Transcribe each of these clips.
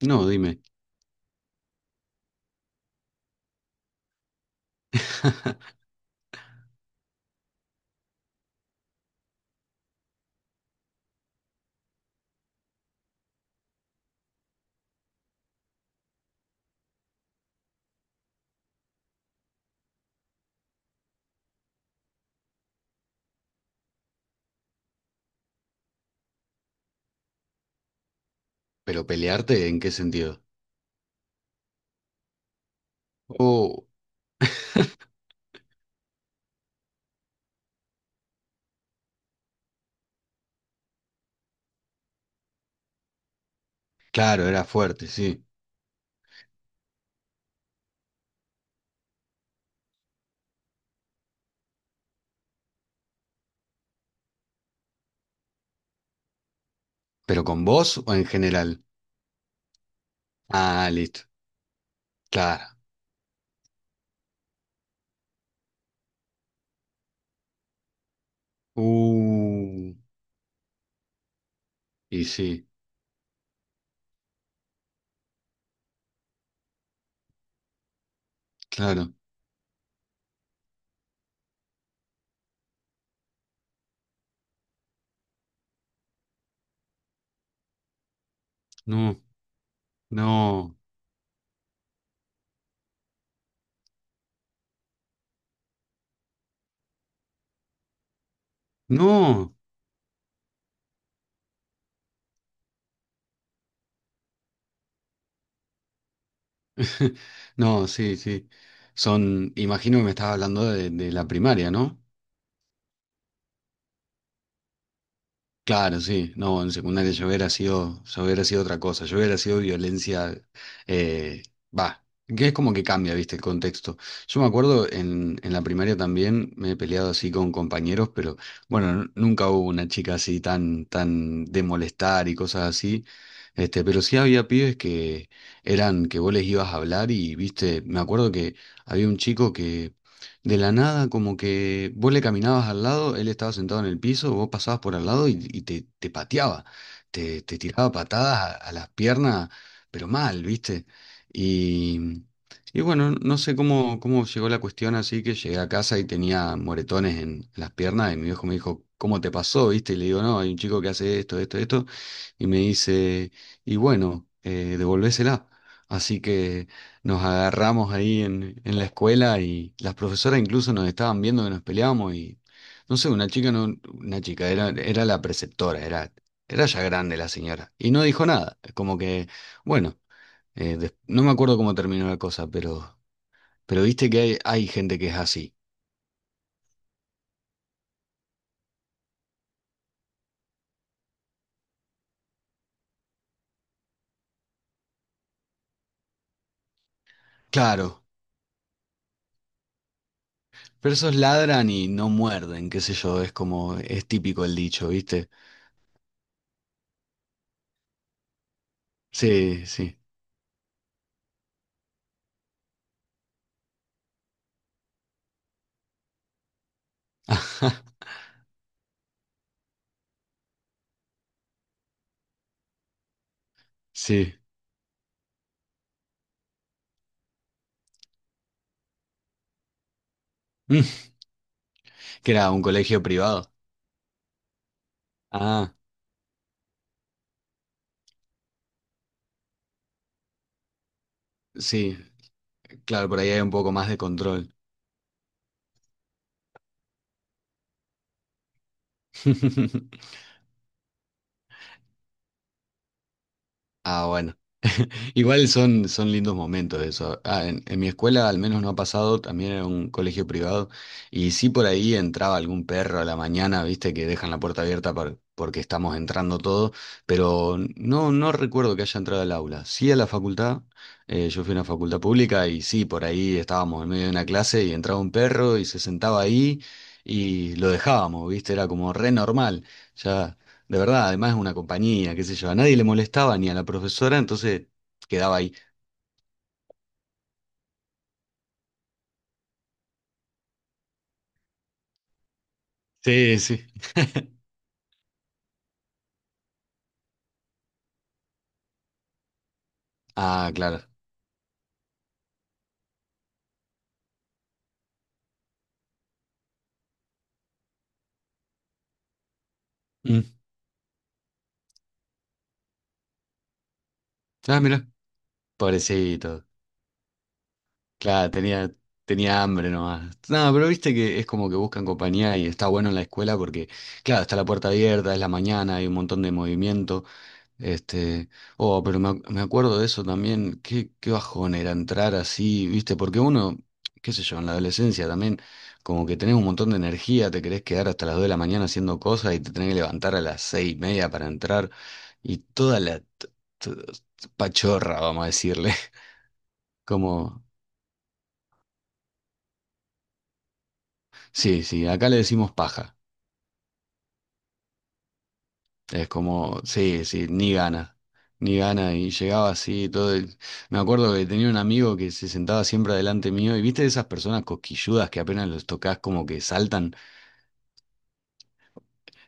No, dime. ¿Pero pelearte en qué sentido? Oh, claro, era fuerte, sí. ¿Pero con vos o en general? Ah, listo. Claro. Uh, y sí, claro. No, no, no. No, sí, sí. Son, imagino que me estabas hablando de la primaria, ¿no? Claro, sí, no, en secundaria yo hubiera sido otra cosa, yo hubiera sido violencia, eh, va, que es como que cambia, viste, el contexto. Yo me acuerdo en la primaria también me he peleado así con compañeros, pero bueno, nunca hubo una chica así tan, tan de molestar y cosas así, pero sí había pibes que eran, que vos les ibas a hablar y, viste, me acuerdo que había un chico que de la nada, como que vos le caminabas al lado, él estaba sentado en el piso, vos pasabas por al lado y te pateaba, te tiraba patadas a las piernas, pero mal, ¿viste? Y, y bueno, no sé cómo llegó la cuestión así que llegué a casa y tenía moretones en las piernas y mi viejo me dijo, ¿cómo te pasó? ¿Viste? Y le digo, no, hay un chico que hace esto, esto, esto, y me dice, y bueno, devolvésela. Así que nos agarramos ahí en la escuela y las profesoras incluso nos estaban viendo que nos peleábamos y no sé, una chica no, una chica, era la preceptora, era ya grande la señora. Y no dijo nada. Como que, bueno, no me acuerdo cómo terminó la cosa, pero viste que hay gente que es así. Claro, pero esos ladran y no muerden, qué sé yo, es como, es típico el dicho, ¿viste? Sí, sí. Ajá, sí. Mm, ¿Que era un colegio privado? Ah, sí. Claro, por ahí hay un poco más de control. Ah, bueno. Igual son lindos momentos eso. Ah, en mi escuela al menos no ha pasado, también era un colegio privado, y sí por ahí entraba algún perro a la mañana, viste, que dejan la puerta abierta porque estamos entrando todo, pero no recuerdo que haya entrado al aula. Sí a la facultad, yo fui a una facultad pública y sí, por ahí estábamos en medio de una clase y entraba un perro y se sentaba ahí y lo dejábamos, viste, era como re normal. Ya. De verdad, además es una compañía, qué sé yo. A nadie le molestaba ni a la profesora, entonces quedaba ahí. Sí, sí. Ah, claro. Mm. Ah, mira, pobrecito. Claro, tenía hambre nomás. No, pero viste que es como que buscan compañía y está bueno en la escuela porque, claro, está la puerta abierta, es la mañana, hay un montón de movimiento. Este, oh, pero me acuerdo de eso también, qué bajón era entrar así, ¿viste? Porque uno, qué sé yo, en la adolescencia también, como que tenés un montón de energía, te querés quedar hasta las 2 de la mañana haciendo cosas y te tenés que levantar a las 6 y media para entrar y toda la t- pachorra, vamos a decirle. Como, sí, sí, acá le decimos paja. Es como, sí, sí, ni gana, ni gana. Y llegaba así, todo. Me acuerdo que tenía un amigo que se sentaba siempre adelante mío. Y viste esas personas cosquilludas que apenas los tocas, como que saltan.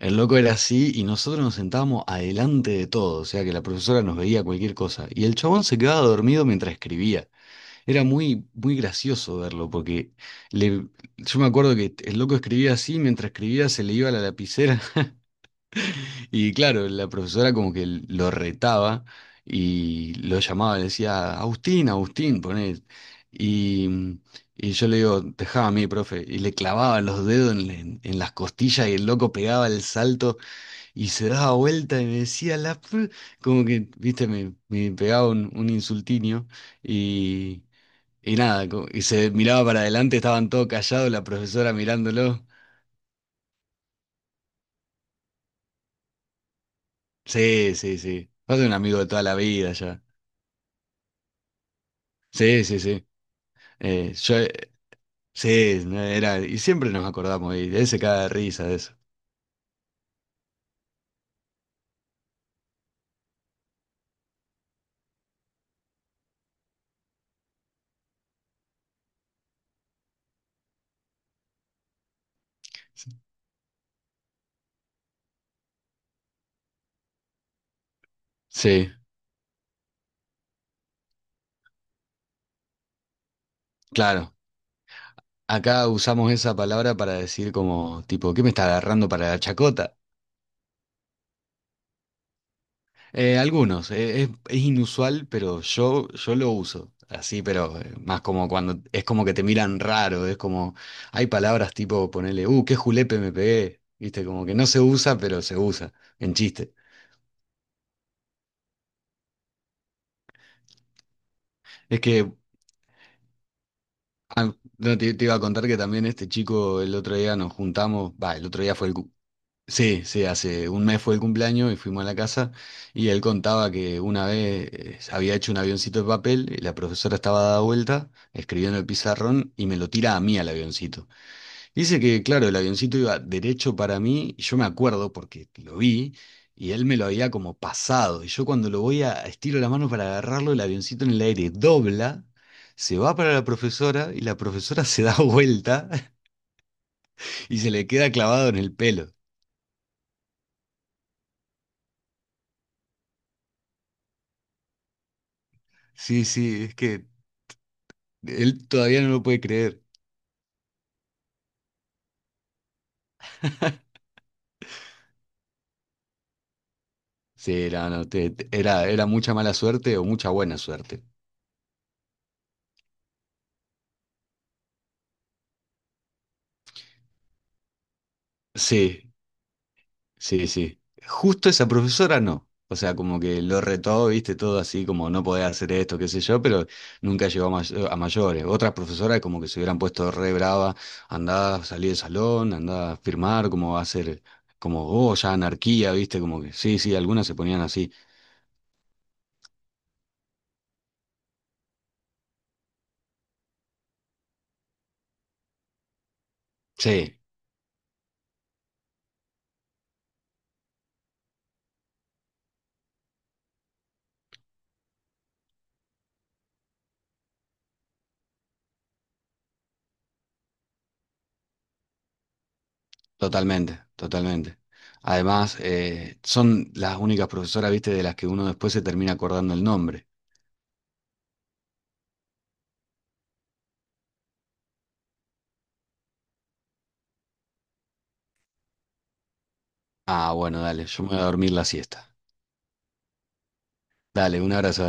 El loco era así y nosotros nos sentábamos adelante de todo. O sea que la profesora nos veía cualquier cosa. Y el chabón se quedaba dormido mientras escribía. Era muy, muy gracioso verlo porque le... yo me acuerdo que el loco escribía así, mientras escribía se le iba la lapicera. Y claro, la profesora como que lo retaba y lo llamaba, le decía, Agustín, Agustín, poné. Y, y yo le digo, dejá a mí, profe. Y le clavaba los dedos en las costillas y el loco pegaba el salto y se daba vuelta y me decía, la... fr-". Como que, viste, me pegaba un insultinio y, y nada, y se miraba para adelante, estaban todos callados, la profesora mirándolo. Sí, sí, sí. Va a ser un amigo de toda la vida ya. Sí, sí, sí. Yo, sí, no, era, y siempre nos acordamos, y él se caga de risa de eso. Sí, claro. Acá usamos esa palabra para decir como, tipo, ¿qué me está agarrando para la chacota? Algunos, es inusual, pero yo lo uso. Así, pero más como cuando es como que te miran raro, es como, hay palabras tipo ponerle, qué julepe me pegué, viste, como que no se usa, pero se usa, en chiste. Es que. Ah, no, te iba a contar que también este chico el otro día nos juntamos, va, el otro día fue. Sí, sí, hace un mes fue el cumpleaños y fuimos a la casa y él contaba que una vez había hecho un avioncito de papel y la profesora estaba dada vuelta escribiendo el pizarrón y me lo tira a mí al avioncito. Dice que, claro, el avioncito iba derecho para mí, y yo me acuerdo porque lo vi, y él me lo había como pasado. Y yo cuando lo voy a estiro la mano para agarrarlo, el avioncito en el aire dobla, se va para la profesora, y la profesora se da vuelta y se le queda clavado en el pelo. Sí, sí, es que él todavía no lo puede creer. Sí, era, no, era mucha mala suerte o mucha buena suerte. Sí. Sí, sí. Justo esa profesora no. O sea, como que lo retó, viste, todo así, como no podés hacer esto, qué sé yo, pero nunca llegó a mayores. Otras profesoras como que se hubieran puesto re brava, andá, salí del salón, andá a firmar, como va a ser, como, oh, ya anarquía, viste, como que, sí, sí, algunas se ponían así. Sí, totalmente, totalmente. Además, son las únicas profesoras, viste, de las que uno después se termina acordando el nombre. Ah, bueno, dale, yo me voy a dormir la siesta. Dale, un abrazo.